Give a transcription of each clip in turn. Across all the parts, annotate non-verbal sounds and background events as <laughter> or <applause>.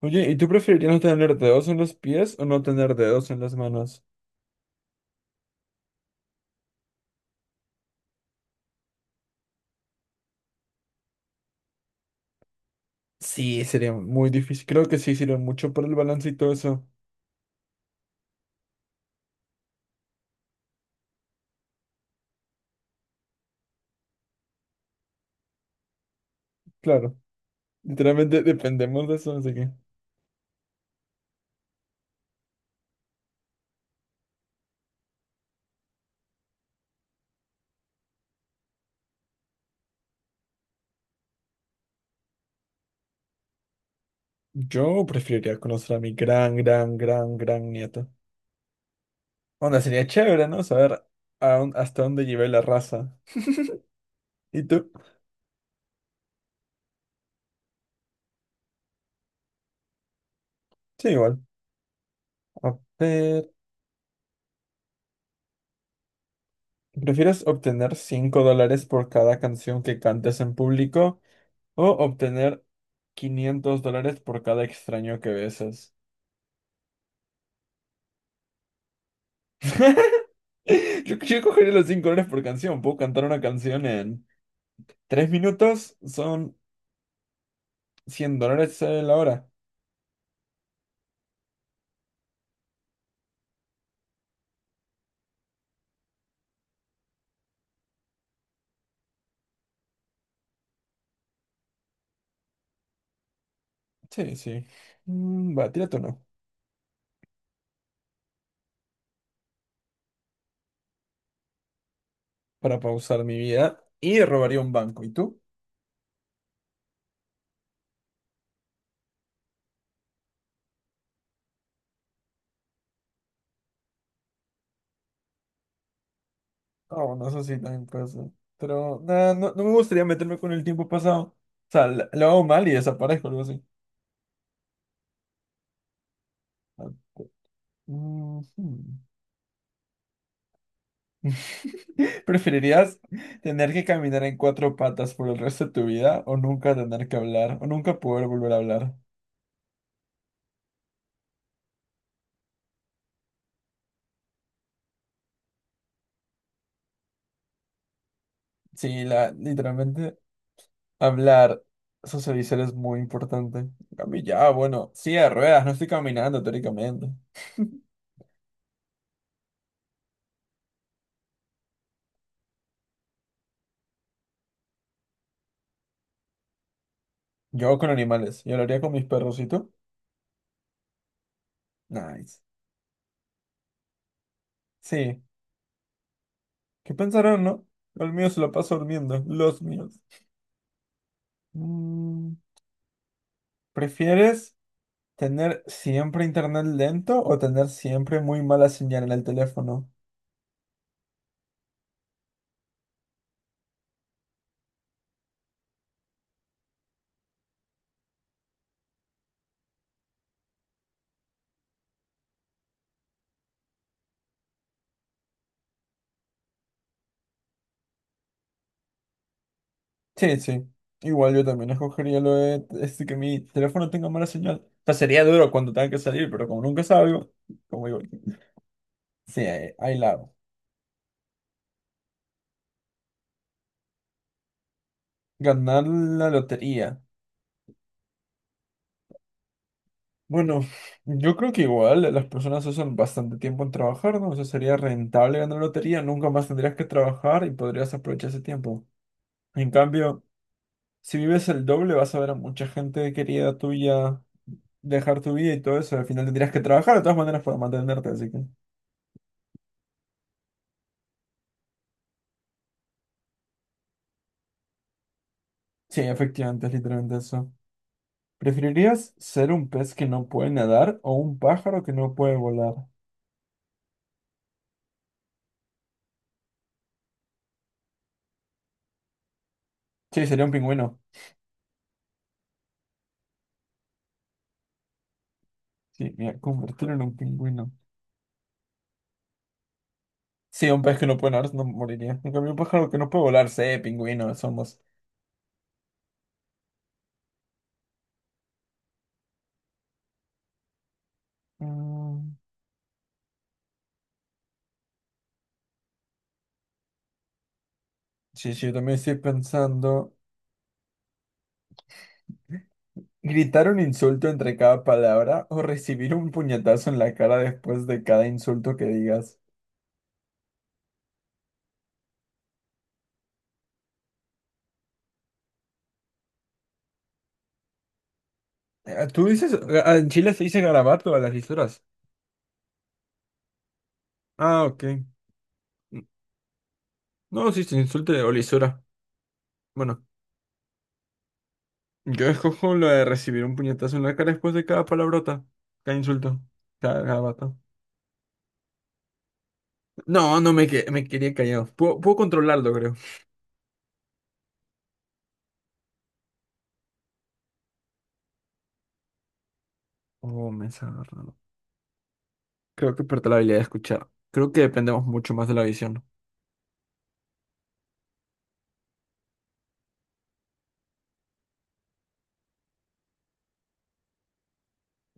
Oye, ¿y tú preferirías no tener dedos en los pies o no tener dedos en las manos? Sí, sería muy difícil. Creo que sí sirve mucho para el balance y todo eso. Claro, literalmente dependemos de eso, así que yo preferiría conocer a mi gran, gran, gran, gran nieto. Onda, sería chévere, ¿no? Saber hasta dónde llevé la raza. ¿Y tú? Sí, igual. A ver, ¿prefieres obtener 5 dólares por cada canción que cantes en público o obtener $500 por cada extraño que besas? <laughs> Yo cogería los $5 por canción. Puedo cantar una canción en 3 minutos. Son $100 la hora. Sí, sí. Mm, va, tírate uno. Para pausar mi vida. Y robaría un banco. ¿Y tú? Oh, no sé si también puede ser. Pero nah, no, no me gustaría meterme con el tiempo pasado. O sea, lo hago mal y desaparezco, algo así. Ah, ujú. <laughs> ¿Preferirías tener que caminar en cuatro patas por el resto de tu vida o nunca tener que hablar o nunca poder volver a hablar? Sí, literalmente hablar, socializar es muy importante. A mí ya, bueno, sí, de ruedas, no estoy caminando teóricamente. Yo con animales, yo lo haría con mis perros, ¿y tú? Nice. Sí, ¿qué pensarán, no? El mío se lo pasa durmiendo, los míos. Mm, ¿prefieres tener siempre internet lento o tener siempre muy mala señal en el teléfono? Sí, sí. Igual yo también escogería lo de este, que mi teléfono tenga mala señal. O sea, sería duro cuando tenga que salir, pero como nunca salgo, como digo, sí, ahí la hago. Ganar la lotería. Bueno, yo creo que igual las personas usan bastante tiempo en trabajar, ¿no? O sea, sería rentable ganar la lotería, nunca más tendrías que trabajar y podrías aprovechar ese tiempo. En cambio, si vives el doble, vas a ver a mucha gente querida tuya dejar tu vida y todo eso. Al final tendrías que trabajar de todas maneras para mantenerte, así que. Sí, efectivamente, es literalmente eso. ¿Preferirías ser un pez que no puede nadar o un pájaro que no puede volar? Sí, sería un pingüino. Sí, mira, convertirlo en un pingüino. Sí, un pez que no puede nadar no moriría. En cambio, un pájaro que no puede volar, sí, pingüino, somos. Mm, sí, sí, yo también estoy pensando. ¿Gritar un insulto entre cada palabra o recibir un puñetazo en la cara después de cada insulto que digas? ¿Tú dices, en Chile se dice garabato a las lisuras? Ah, ok. No, sí, se insulte o lisura. Bueno, yo escojo lo de recibir un puñetazo en la cara después de cada palabrota, cada insulto, cada vato. No, me quería callado. Puedo controlarlo, creo. Oh, me está Creo que perdí la habilidad de escuchar. Creo que dependemos mucho más de la visión.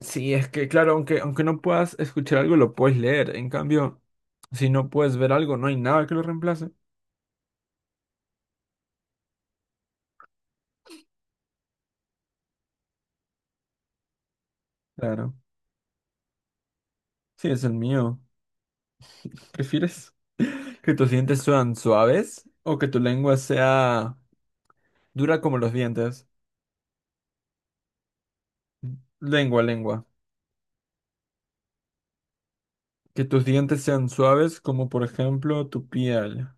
Sí, es que claro, aunque no puedas escuchar algo, lo puedes leer. En cambio, si no puedes ver algo, no hay nada que lo reemplace. Claro. Sí, es el mío. ¿Prefieres <laughs> que tus dientes sean suaves o que tu lengua sea dura como los dientes? Lengua, lengua. Que tus dientes sean suaves, como por ejemplo tu piel.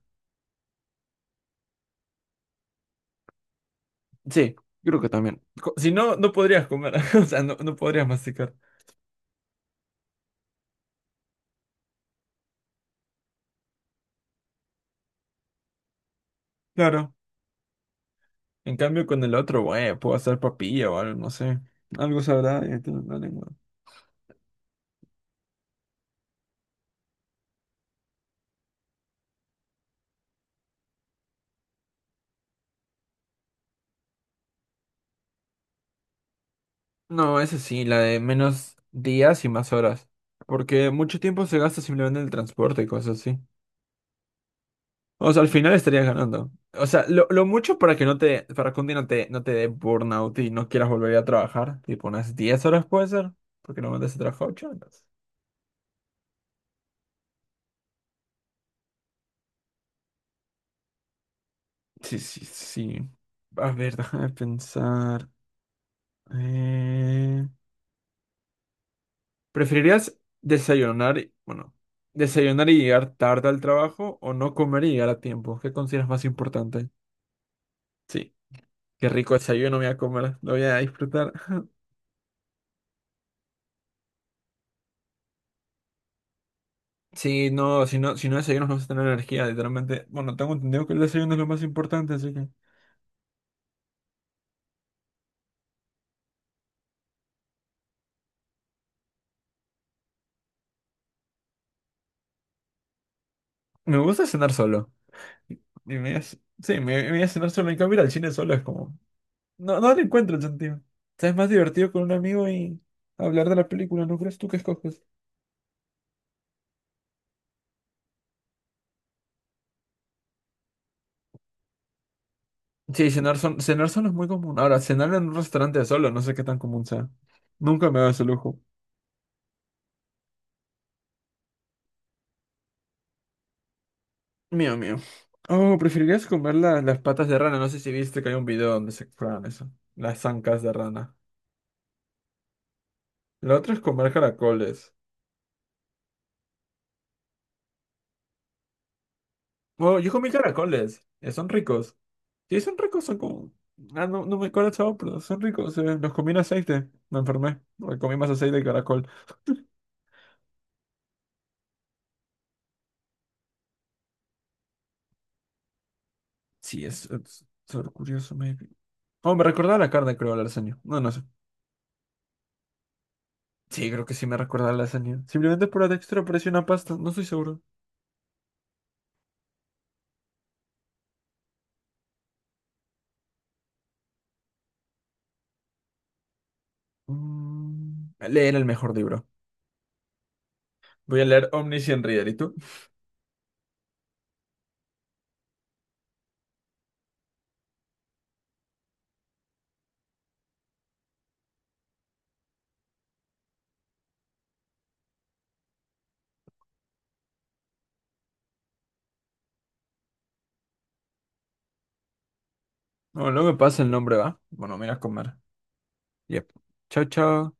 Sí, creo que también. Si no, no podrías comer. <laughs> O sea, no, no podrías masticar. Claro. En cambio, con el otro, bueno, puedo hacer papilla o algo, no sé. Algo sabrá y tiene la lengua. No, esa sí, la de menos días y más horas. Porque mucho tiempo se gasta simplemente en el transporte y cosas así. O sea, al final estarías ganando. O sea, lo mucho para que no te, para que un día no te dé burnout y no quieras volver a trabajar, tipo unas 10 horas puede ser, porque normalmente se trabaja 8 horas. Sí, sí, sí. A ver, déjame pensar. Eh, ¿Preferirías desayunar, y- bueno, desayunar y llegar tarde al trabajo o no comer y llegar a tiempo? ¿Qué consideras más importante? Sí, qué rico desayuno me voy a comer, lo voy a disfrutar. Sí, no, si no desayunas no vas a tener energía, literalmente. Bueno, tengo entendido que el desayuno es lo más importante, así que. Me gusta cenar solo. Y me voy a, c- sí, me voy a cenar solo. En cambio, ir al cine solo es como. No, no le encuentro el sentido. O sea, es más divertido con un amigo y hablar de la película, ¿no crees tú que escoges? Sí, cenar solo es muy común. Ahora, cenar en un restaurante solo, no sé qué tan común sea. Nunca me da ese lujo. Mío, mío. Oh, preferirías comer las patas de rana. No sé si viste que hay un video donde se prueban eso. Las zancas de rana. La otra es comer caracoles. Bueno, yo comí caracoles. Son ricos. Sí, son ricos, son como... Ah, no, no me acuerdo el sabor, pero son ricos. Los comí en aceite. Me enfermé porque comí más aceite de caracol. Sí, es sabor curioso, maybe. Oh, me recordaba la carne, creo, la lasaña. No, no sé. Sí, creo que sí me recordaba la lasaña. Simplemente por la textura parece una pasta. No estoy seguro. Mm, leer el mejor libro. Voy a leer Omniscient Reader. ¿Y tú? No, no me pasa el nombre, ¿va? Bueno, mira a comer. Yep. Chao, chao.